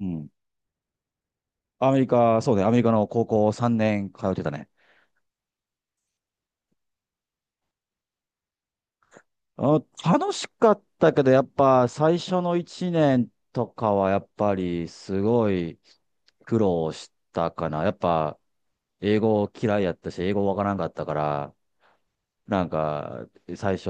うん。アメリカ、そうね、アメリカの高校3年通ってたね。あ、楽しかったけど、やっぱ最初の1年とかはやっぱりすごい苦労したかな。やっぱ英語嫌いやったし、英語わからんかったから、なんか最初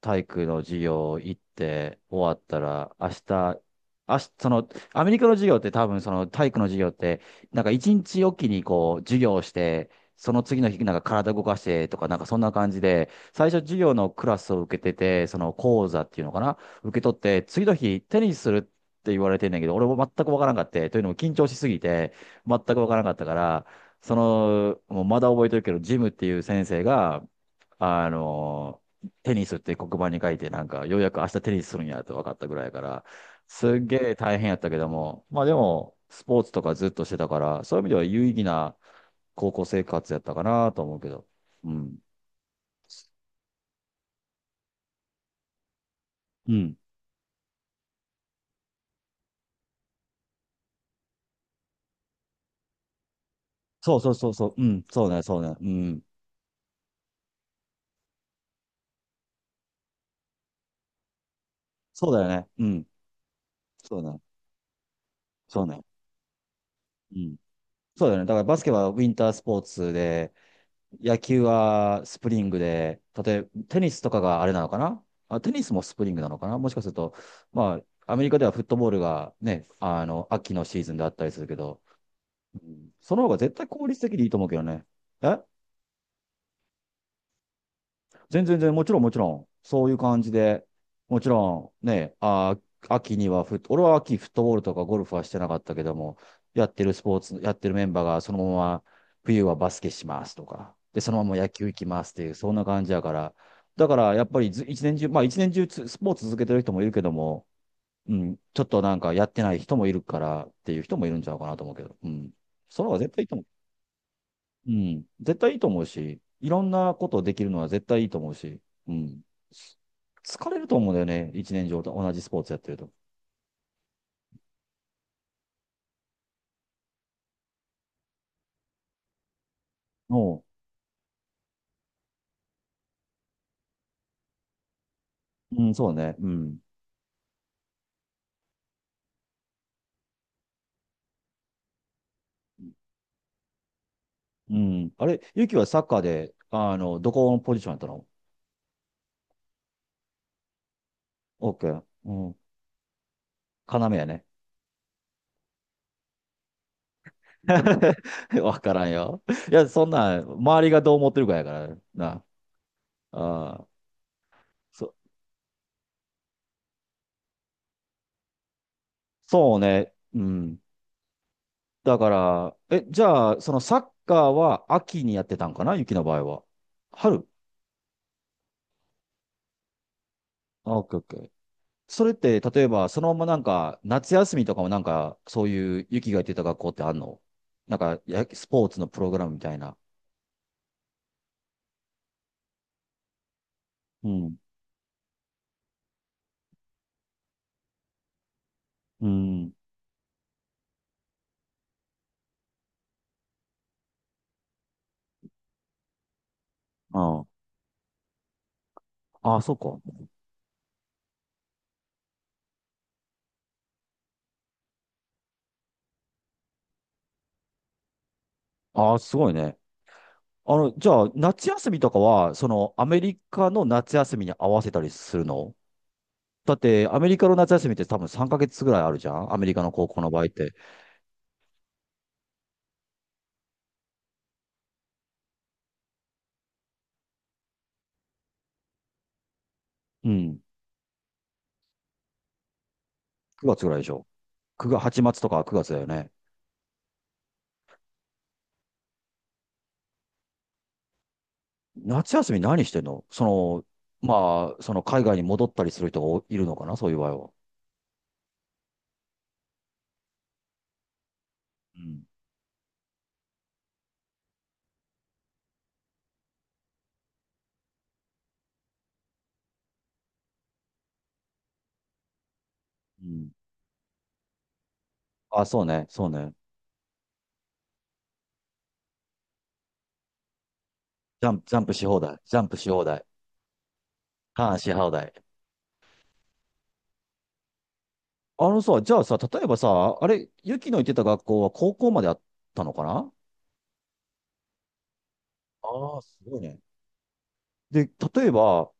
体育の授業行って終わったら、明日、その、アメリカの授業って多分その体育の授業って、なんか一日おきにこう授業をして、その次の日なんか体動かしてとかなんかそんな感じで、最初授業のクラスを受けてて、その講座っていうのかな、受け取って、次の日テニスするって言われてんだけど、俺も全くわからんかって、というのも緊張しすぎて、全くわからんかったから、その、もうまだ覚えてるけど、ジムっていう先生が、あの、テニスって黒板に書いて、なんか、ようやく明日テニスするんやと分かったぐらいやから、すっげえ大変やったけども、まあでも、スポーツとかずっとしてたから、そういう意味では有意義な高校生活やったかなと思うけど。うん。うん。そうそうそうそう。うん。そうね、そうね。うん。そうだよね。うん。そうね。そうね。うん。そうだよね。だからバスケはウィンタースポーツで、野球はスプリングで、例えばテニスとかがあれなのかな。あ、テニスもスプリングなのかなもしかすると、まあ、アメリカではフットボールがね、秋のシーズンであったりするけど、うんその方が絶対効率的でいいと思うけどね。え、全然全然、もちろんもちろん、そういう感じで、もちろんね、あー、秋にはフット、俺は秋フットボールとかゴルフはしてなかったけども、やってるメンバーがそのまま冬はバスケしますとか、で、そのまま野球行きますっていう、そんな感じやから、だからやっぱりず一年中、まあ一年中つスポーツ続けてる人もいるけども、うん、ちょっとなんかやってない人もいるからっていう人もいるんちゃうかなと思うけど、うん。その方が絶対いいと思う。うん。絶対いいと思うし、いろんなことできるのは絶対いいと思うし、うん。疲れると思うんだよね。一年上と同じスポーツやってると。おう。うん、そうね。うん。うん。あれ、ゆきはサッカーで、どこのポジションやったの？オッケー。うん。要やね。わからんよ。いや、そんなん、周りがどう思ってるかやからな。ああ、そ、そうね。うん。だから、え、じゃあ、そのサッカーは秋にやってたんかな雪の場合は。春、あ、オッケー。それって、例えば、そのままなんか、夏休みとかもなんか、そういう雪が言ってた学校ってあんの？なんか、スポーツのプログラムみたいな。うん。うん。ああ、あ、そうか。ああ、すごいね。じゃあ、夏休みとかは、その、アメリカの夏休みに合わせたりするの？だって、アメリカの夏休みって多分3ヶ月ぐらいあるじゃんアメリカの高校の場合って。うん。9月ぐらいでしょ？ ?9 月、8月とか9月だよね。夏休み何してんのその、まあ、その海外に戻ったりする人がおいるのかなそういう場合は。うん。うん。あ、そうね、そうね。ジャンプし放題。ターンし放題。あのさ、じゃあさ、例えばさ、あれ、ユキの行ってた学校は高校まであったのかな？ああー、すごいね。で、例えば、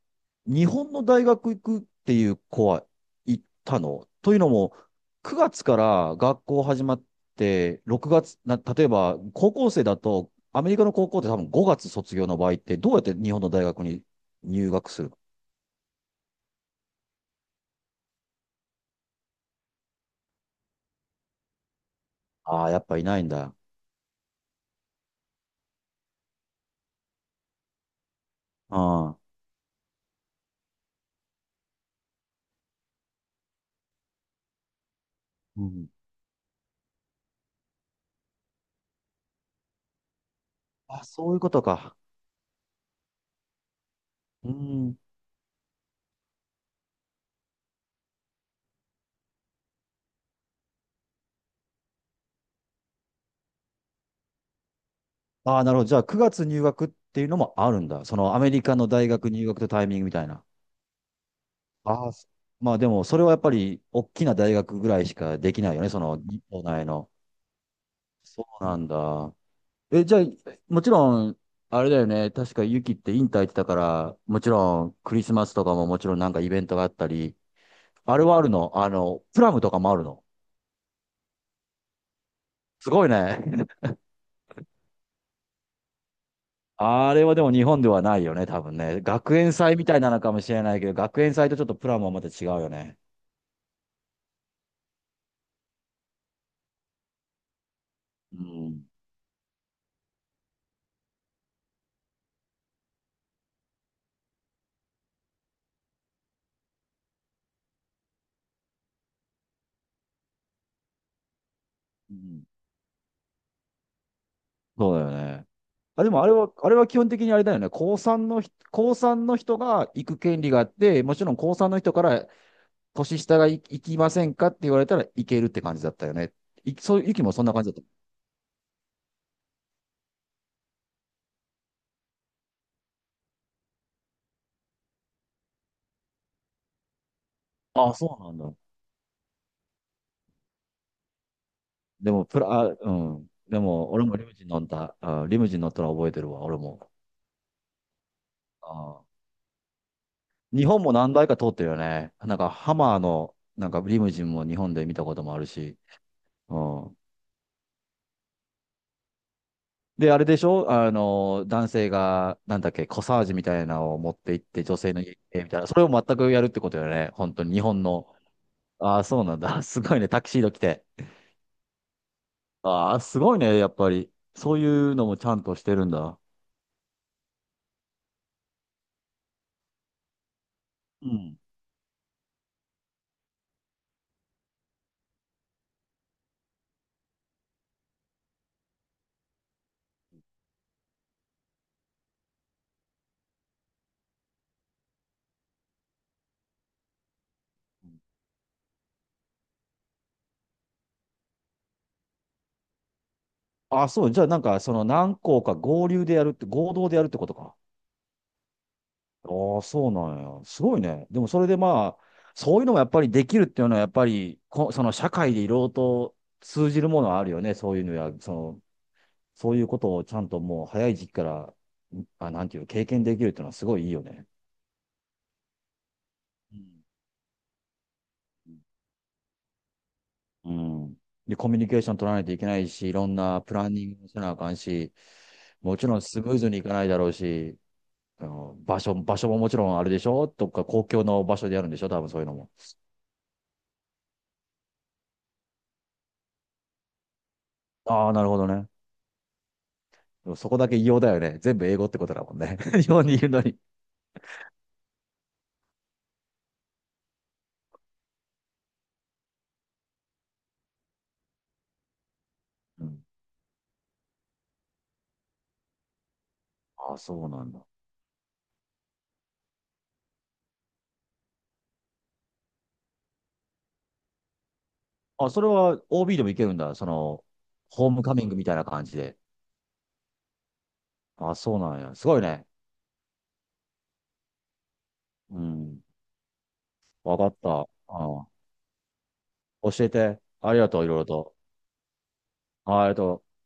日本の大学行くっていう子は行ったのというのも、9月から学校始まって、6月、な、例えば高校生だと、アメリカの高校って多分5月卒業の場合って、どうやって日本の大学に入学するの？ああー、やっぱいないんだ。ああ、うん。あ、そういうことか。うん。ああ、なるほど。じゃあ9月入学っていうのもあるんだ。そのアメリカの大学入学とタイミングみたいな。ああ、まあでも、それはやっぱり、大きな大学ぐらいしかできないよね、その、日本内の。そうなんだ。え、じゃあ、もちろん、あれだよね、確かユキってインター行ってたから、もちろん、クリスマスとかももちろんなんかイベントがあったり、あれはあるの、プラムとかもあるの？すごいね。あれはでも日本ではないよね、多分ね。学園祭みたいなのかもしれないけど、学園祭とちょっとプラムはまた違うよね。うん。うん、そうだよね。あ、でもあれは、あれは基本的にあれだよね。高三の人が行く権利があって、もちろん高三の人から年下が行きませんかって言われたら行けるって感じだったよね。い、そう、ゆきもそんな感じだった。ああ、そうなんだ。でも、あ、うん。でも、俺もリムジン乗った、あ、リムジン乗ったの覚えてるわ、俺も。あー、日本も何台か通ってるよね。なんか、ハマーの、なんかリムジンも日本で見たこともあるし。うん。で、あれでしょあの、男性が、なんだっけ、コサージュみたいなのを持って行って、女性の家に行ってみたいな。それを全くやるってことよね。本当に日本の。ああ、そうなんだ。すごいね。タキシード着て。ああ、すごいね。やっぱり。そういうのもちゃんとしてるんだ。うん。ああ、そう。じゃあ、なんか、その何校か合流でやるって、合同でやるってことか。ああ、そうなんや。すごいね。でも、それでまあ、そういうのもやっぱりできるっていうのは、やっぱりその社会でいろいろと通じるものはあるよね。そういうのや、その、そういうことをちゃんともう早い時期から、あ、なんていう、経験できるっていうのはすごいいいよね。うんううん。で、コミュニケーション取らないといけないし、いろんなプランニングもせなあかんし、もちろんスムーズにいかないだろうし、あの場所ももちろんあれでしょとか公共の場所でやるんでしょ多分そういうのも。ああ、なるほどね。でもそこだけ異様だよね。全部英語ってことだもんね。日本にいるのに。うん。ああ、そうなんだ。あ、それは OB でもいけるんだ。その、ホームカミングみたいな感じで。あ、そうなんや。すごいね。うん。わかった。あ、教えて。ありがとう、いろいろと。はい、ありがとう。